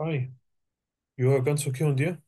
Hi. Ja, ganz okay und dir?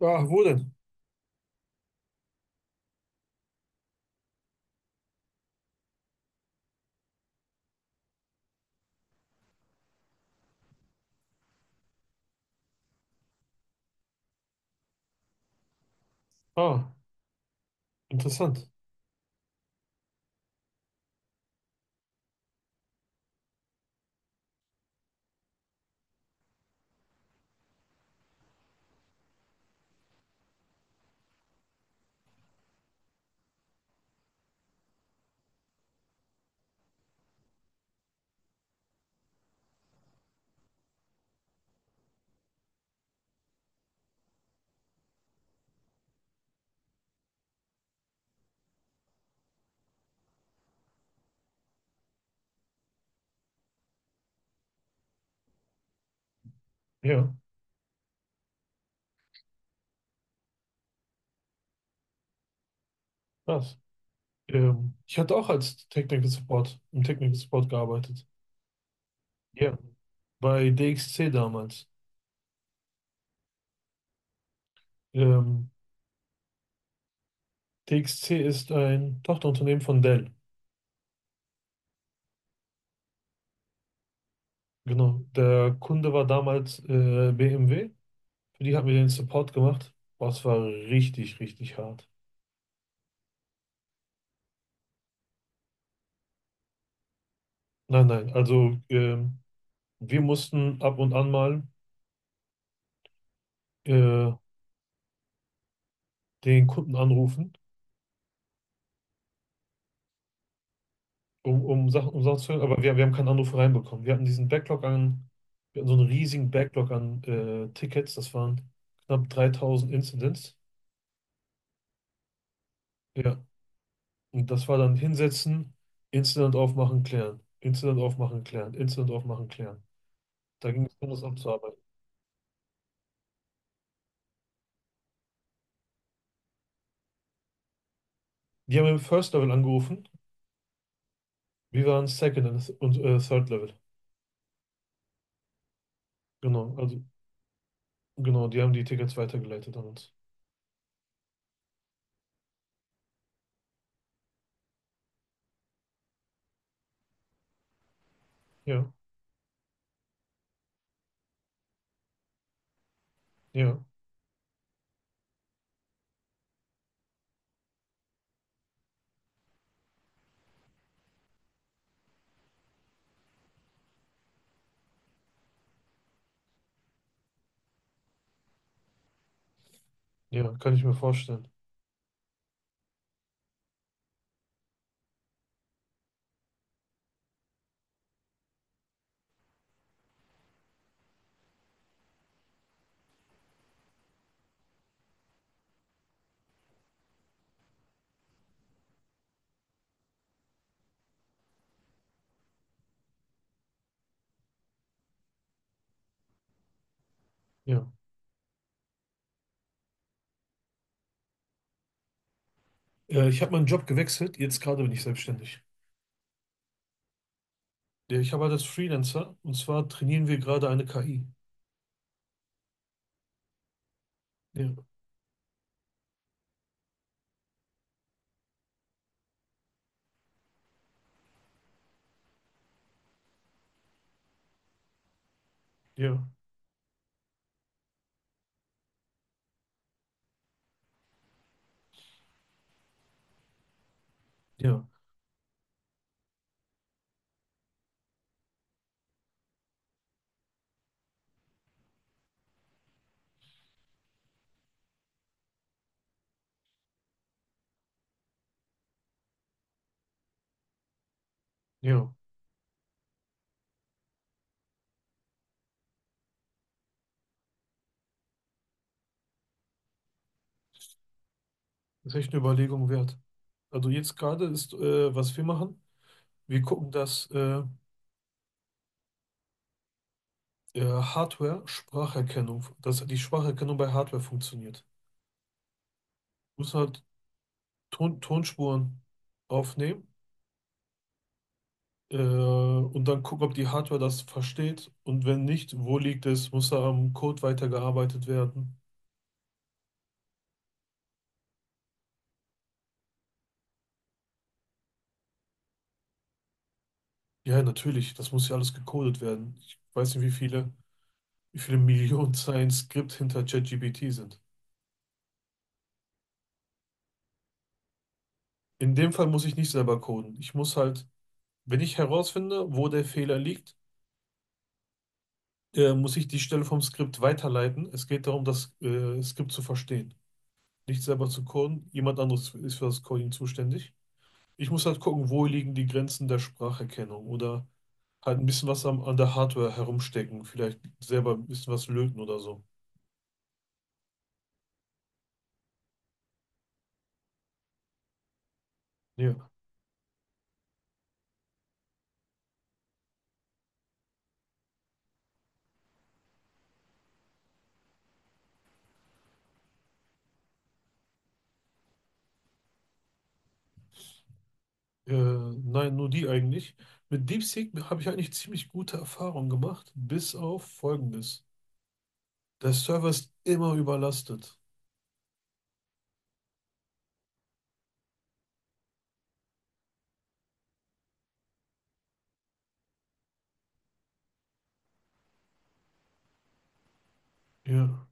Ah, wo denn? Ah, interessant. Ja, krass. Ich hatte auch im Technical Support gearbeitet. Ja, bei DXC damals. Ähm, DXC ist ein Tochterunternehmen von Dell. Genau. Der Kunde war damals BMW. Für die haben wir den Support gemacht. Boah, es war richtig, richtig hart. Nein, nein. Also wir mussten ab und an mal äh, den Kunden anrufen um Sachen zu hören, aber wir haben keinen Anruf reinbekommen. Wir hatten so einen riesigen Backlog an Tickets, das waren knapp 3000 Incidents. Ja, und das war dann hinsetzen, Incident aufmachen, klären, Incident aufmachen, klären, Incident aufmachen, klären. Da ging es darum, das abzuarbeiten. Die haben im First Level angerufen, wir waren Second und Third Level. Genau, also genau, die haben die Tickets weitergeleitet an uns. Ja, ja, ja, kann ich mir vorstellen. Ja. Ich habe meinen Job gewechselt, jetzt gerade bin ich selbstständig. Ja, ich arbeite als Freelancer und zwar trainieren wir gerade eine KI. Ja, ja, ja, ja. Das ist echt eine Überlegung wert. Also jetzt gerade ist, was wir machen, wir gucken, dass Hardware-Spracherkennung, dass die Spracherkennung bei Hardware funktioniert. Muss halt Ton Tonspuren aufnehmen und dann gucken, ob die Hardware das versteht und wenn nicht, wo liegt es, muss da am Code weitergearbeitet werden. Ja, natürlich, das muss ja alles gecodet werden. Ich weiß nicht, wie viele. Wie viele Millionen Zeilen Skript hinter ChatGPT sind. In dem Fall muss ich nicht selber coden. Ich muss halt, wenn ich herausfinde, wo der Fehler liegt, muss ich die Stelle vom Skript weiterleiten. Es geht darum, das Skript zu verstehen. Nicht selber zu coden. Jemand anderes ist für das Coding zuständig. Ich muss halt gucken, wo liegen die Grenzen der Spracherkennung oder halt ein bisschen was an der Hardware herumstecken. Vielleicht selber ein bisschen was löten oder so. Ja. Nein, nur die eigentlich. Mit DeepSeek habe ich eigentlich ziemlich gute Erfahrungen gemacht, bis auf Folgendes. Der Server ist immer überlastet. Ja,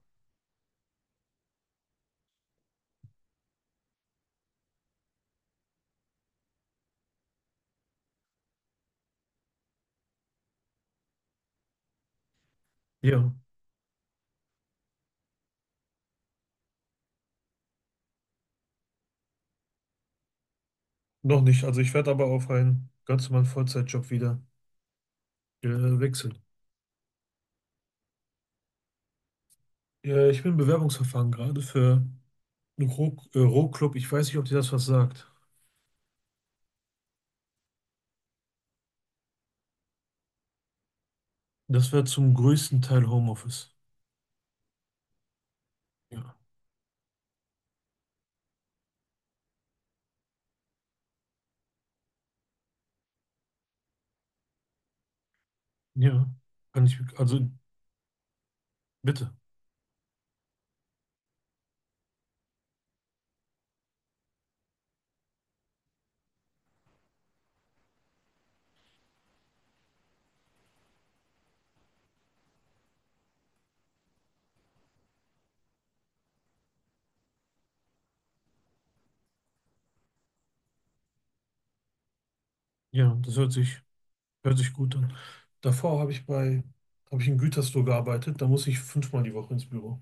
ja, noch nicht. Also ich werde aber auf einen ganz normalen Vollzeitjob wieder äh, wechseln. Ja, ich bin im Bewerbungsverfahren gerade für einen Rohclub. Ich weiß nicht, ob dir das was sagt. Das wäre zum größten Teil Homeoffice. Ja, ja, kann ich, also bitte. Ja, das hört sich Hört sich gut an. Davor habe ich bei, habe ich in Gütersloh gearbeitet, da muss ich 5-mal die Woche ins Büro.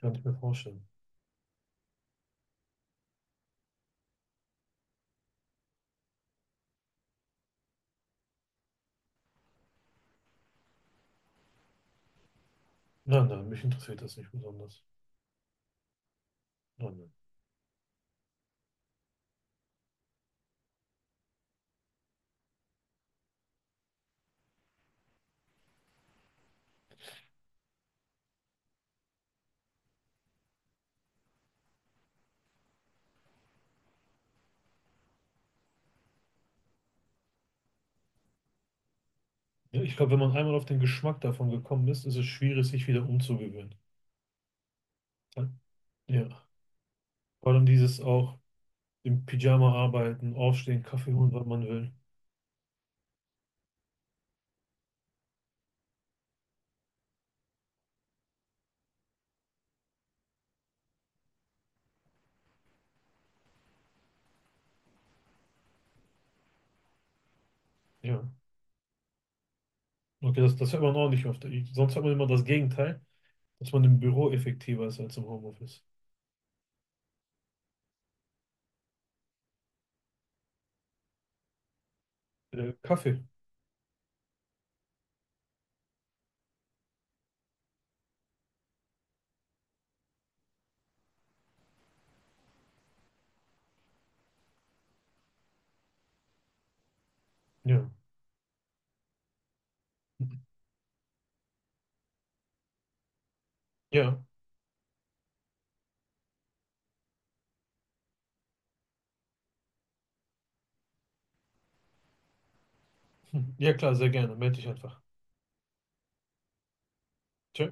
Kann ich mir vorstellen. Nein, nein, mich interessiert das nicht besonders. Nein, nein. Ja, ich glaube, wenn man einmal auf den Geschmack davon gekommen ist, ist es schwierig, sich wieder umzugewöhnen. Ja. Ja. Vor allem dieses auch im Pyjama arbeiten, aufstehen, Kaffee holen, wann man will. Ja. Okay, das hört man auch nicht oft. Ich, sonst hat man immer das Gegenteil, dass man im Büro effektiver ist als im Homeoffice. Kaffee. Ja. Ja. Hm. Ja, klar, sehr gerne. Melde dich einfach. Tja.